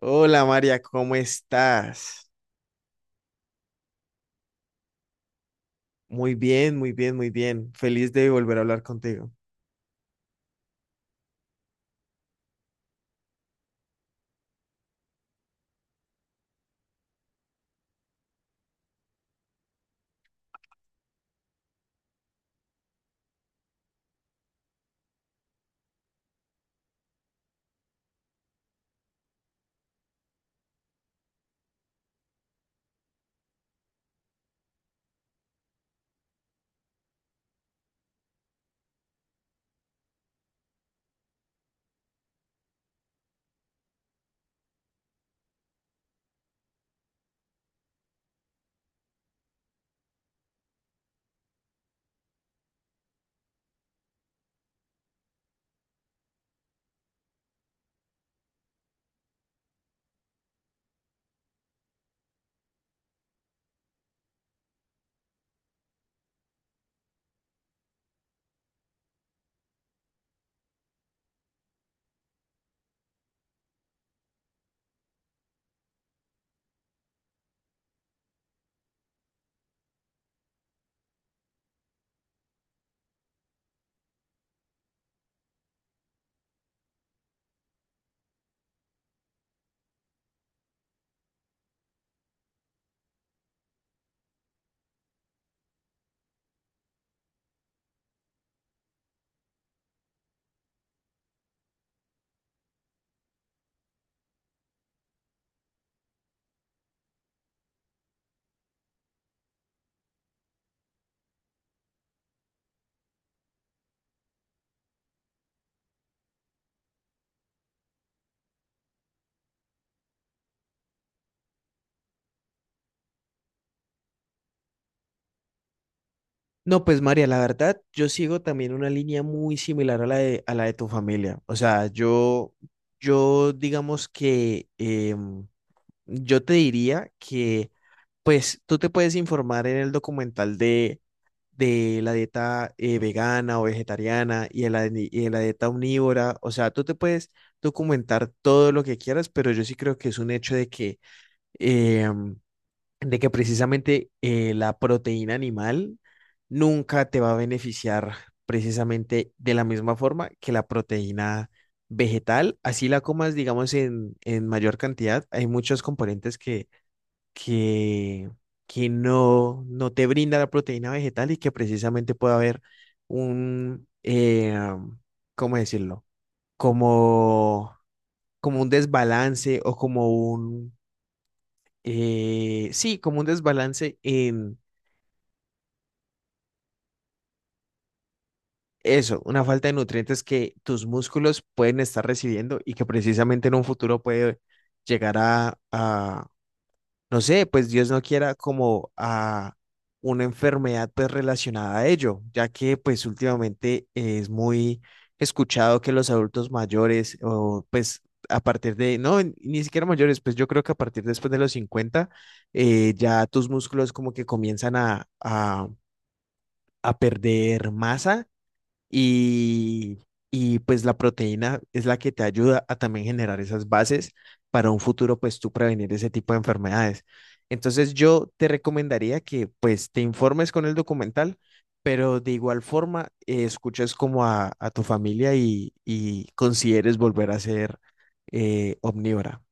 Hola María, ¿cómo estás? Muy bien, muy bien, muy bien. Feliz de volver a hablar contigo. No, pues María, la verdad, yo sigo también una línea muy similar a la de tu familia. O sea, yo digamos que yo te diría que, pues, tú te puedes informar en el documental de la dieta vegana o vegetariana y de la, y de la dieta omnívora. O sea, tú te puedes documentar todo lo que quieras, pero yo sí creo que es un hecho de que eh, de que precisamente la proteína animal nunca te va a beneficiar precisamente de la misma forma que la proteína vegetal, así la comas, digamos, en mayor cantidad. Hay muchos componentes que, que no, no te brinda la proteína vegetal y que precisamente puede haber un ¿cómo decirlo? Como, como un desbalance o como un, sí, como un desbalance en eso, una falta de nutrientes que tus músculos pueden estar recibiendo y que precisamente en un futuro puede llegar a, no sé, pues Dios no quiera, como a una enfermedad pues relacionada a ello, ya que pues últimamente es muy escuchado que los adultos mayores o pues a partir de, no, ni siquiera mayores, pues yo creo que a partir después de los 50 ya tus músculos como que comienzan a perder masa y, y pues la proteína es la que te ayuda a también generar esas bases para un futuro, pues tú prevenir ese tipo de enfermedades. Entonces yo te recomendaría que pues te informes con el documental, pero de igual forma escuches como a tu familia y consideres volver a ser omnívora.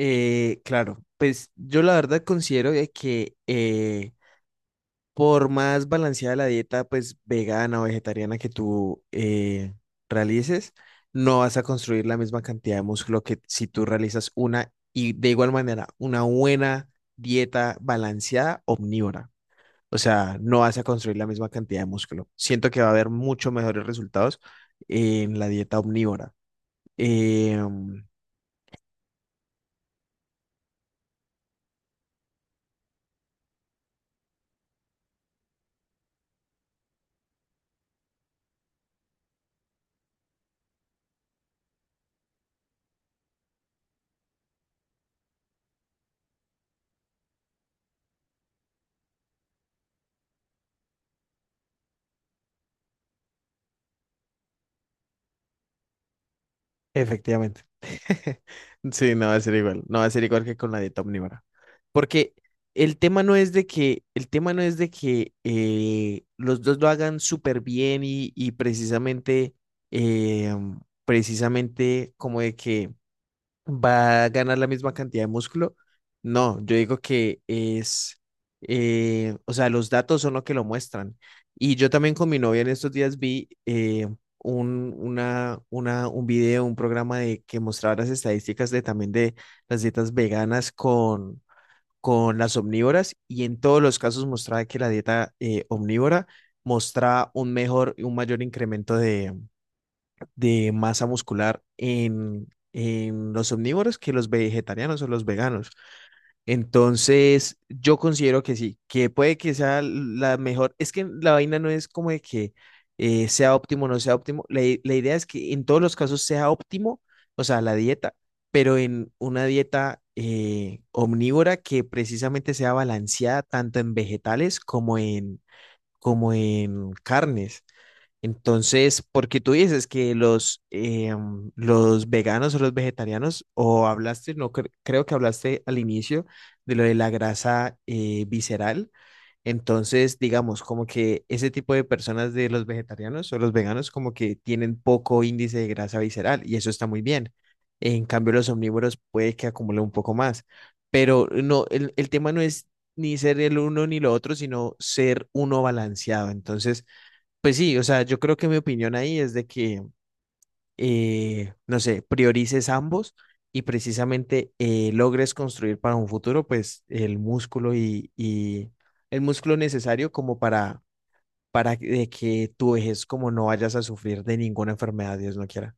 Claro, pues yo la verdad considero de que por más balanceada la dieta, pues vegana o vegetariana que tú realices, no vas a construir la misma cantidad de músculo que si tú realizas una y de igual manera una buena dieta balanceada omnívora. O sea, no vas a construir la misma cantidad de músculo. Siento que va a haber mucho mejores resultados en la dieta omnívora. Em, Efectivamente. Sí, no va a ser igual. No va a ser igual que con la dieta omnívora. Porque el tema no es de que, el tema no es de que los dos lo hagan súper bien y precisamente, eh, precisamente como de que va a ganar la misma cantidad de músculo. No, yo digo que es, o sea, los datos son lo que lo muestran. Y yo también con mi novia en estos días vi un video, un programa de, que mostraba las estadísticas de también de las dietas veganas con las omnívoras y en todos los casos mostraba que la dieta omnívora mostraba un mejor, un mayor incremento de masa muscular en los omnívoros que los vegetarianos o los veganos. Entonces, yo considero que sí, que puede que sea la mejor. Es que la vaina no es como de que sea óptimo o no sea óptimo. La, la idea es que en todos los casos sea óptimo, o sea, la dieta, pero en una dieta omnívora que precisamente sea balanceada tanto en vegetales como en, como en carnes. Entonces, porque tú dices que los, los veganos o los vegetarianos, o hablaste, no creo que hablaste al inicio de lo de la grasa visceral. Entonces, digamos, como que ese tipo de personas de los vegetarianos o los veganos, como que tienen poco índice de grasa visceral y eso está muy bien. En cambio, los omnívoros puede que acumulen un poco más, pero no, el tema no es ni ser el uno ni lo otro, sino ser uno balanceado. Entonces, pues sí, o sea, yo creo que mi opinión ahí es de que, no sé, priorices ambos y precisamente logres construir para un futuro, pues, el músculo y el músculo necesario como para de que tu vejez como no vayas a sufrir de ninguna enfermedad, Dios no quiera.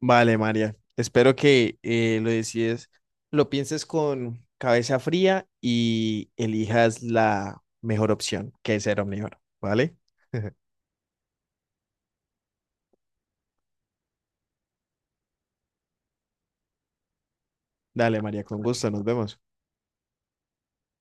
Vale, María. Espero que lo decides, lo pienses con cabeza fría y elijas la mejor opción, que es ser omnívoro, ¿vale? Dale, María, con gusto, nos vemos.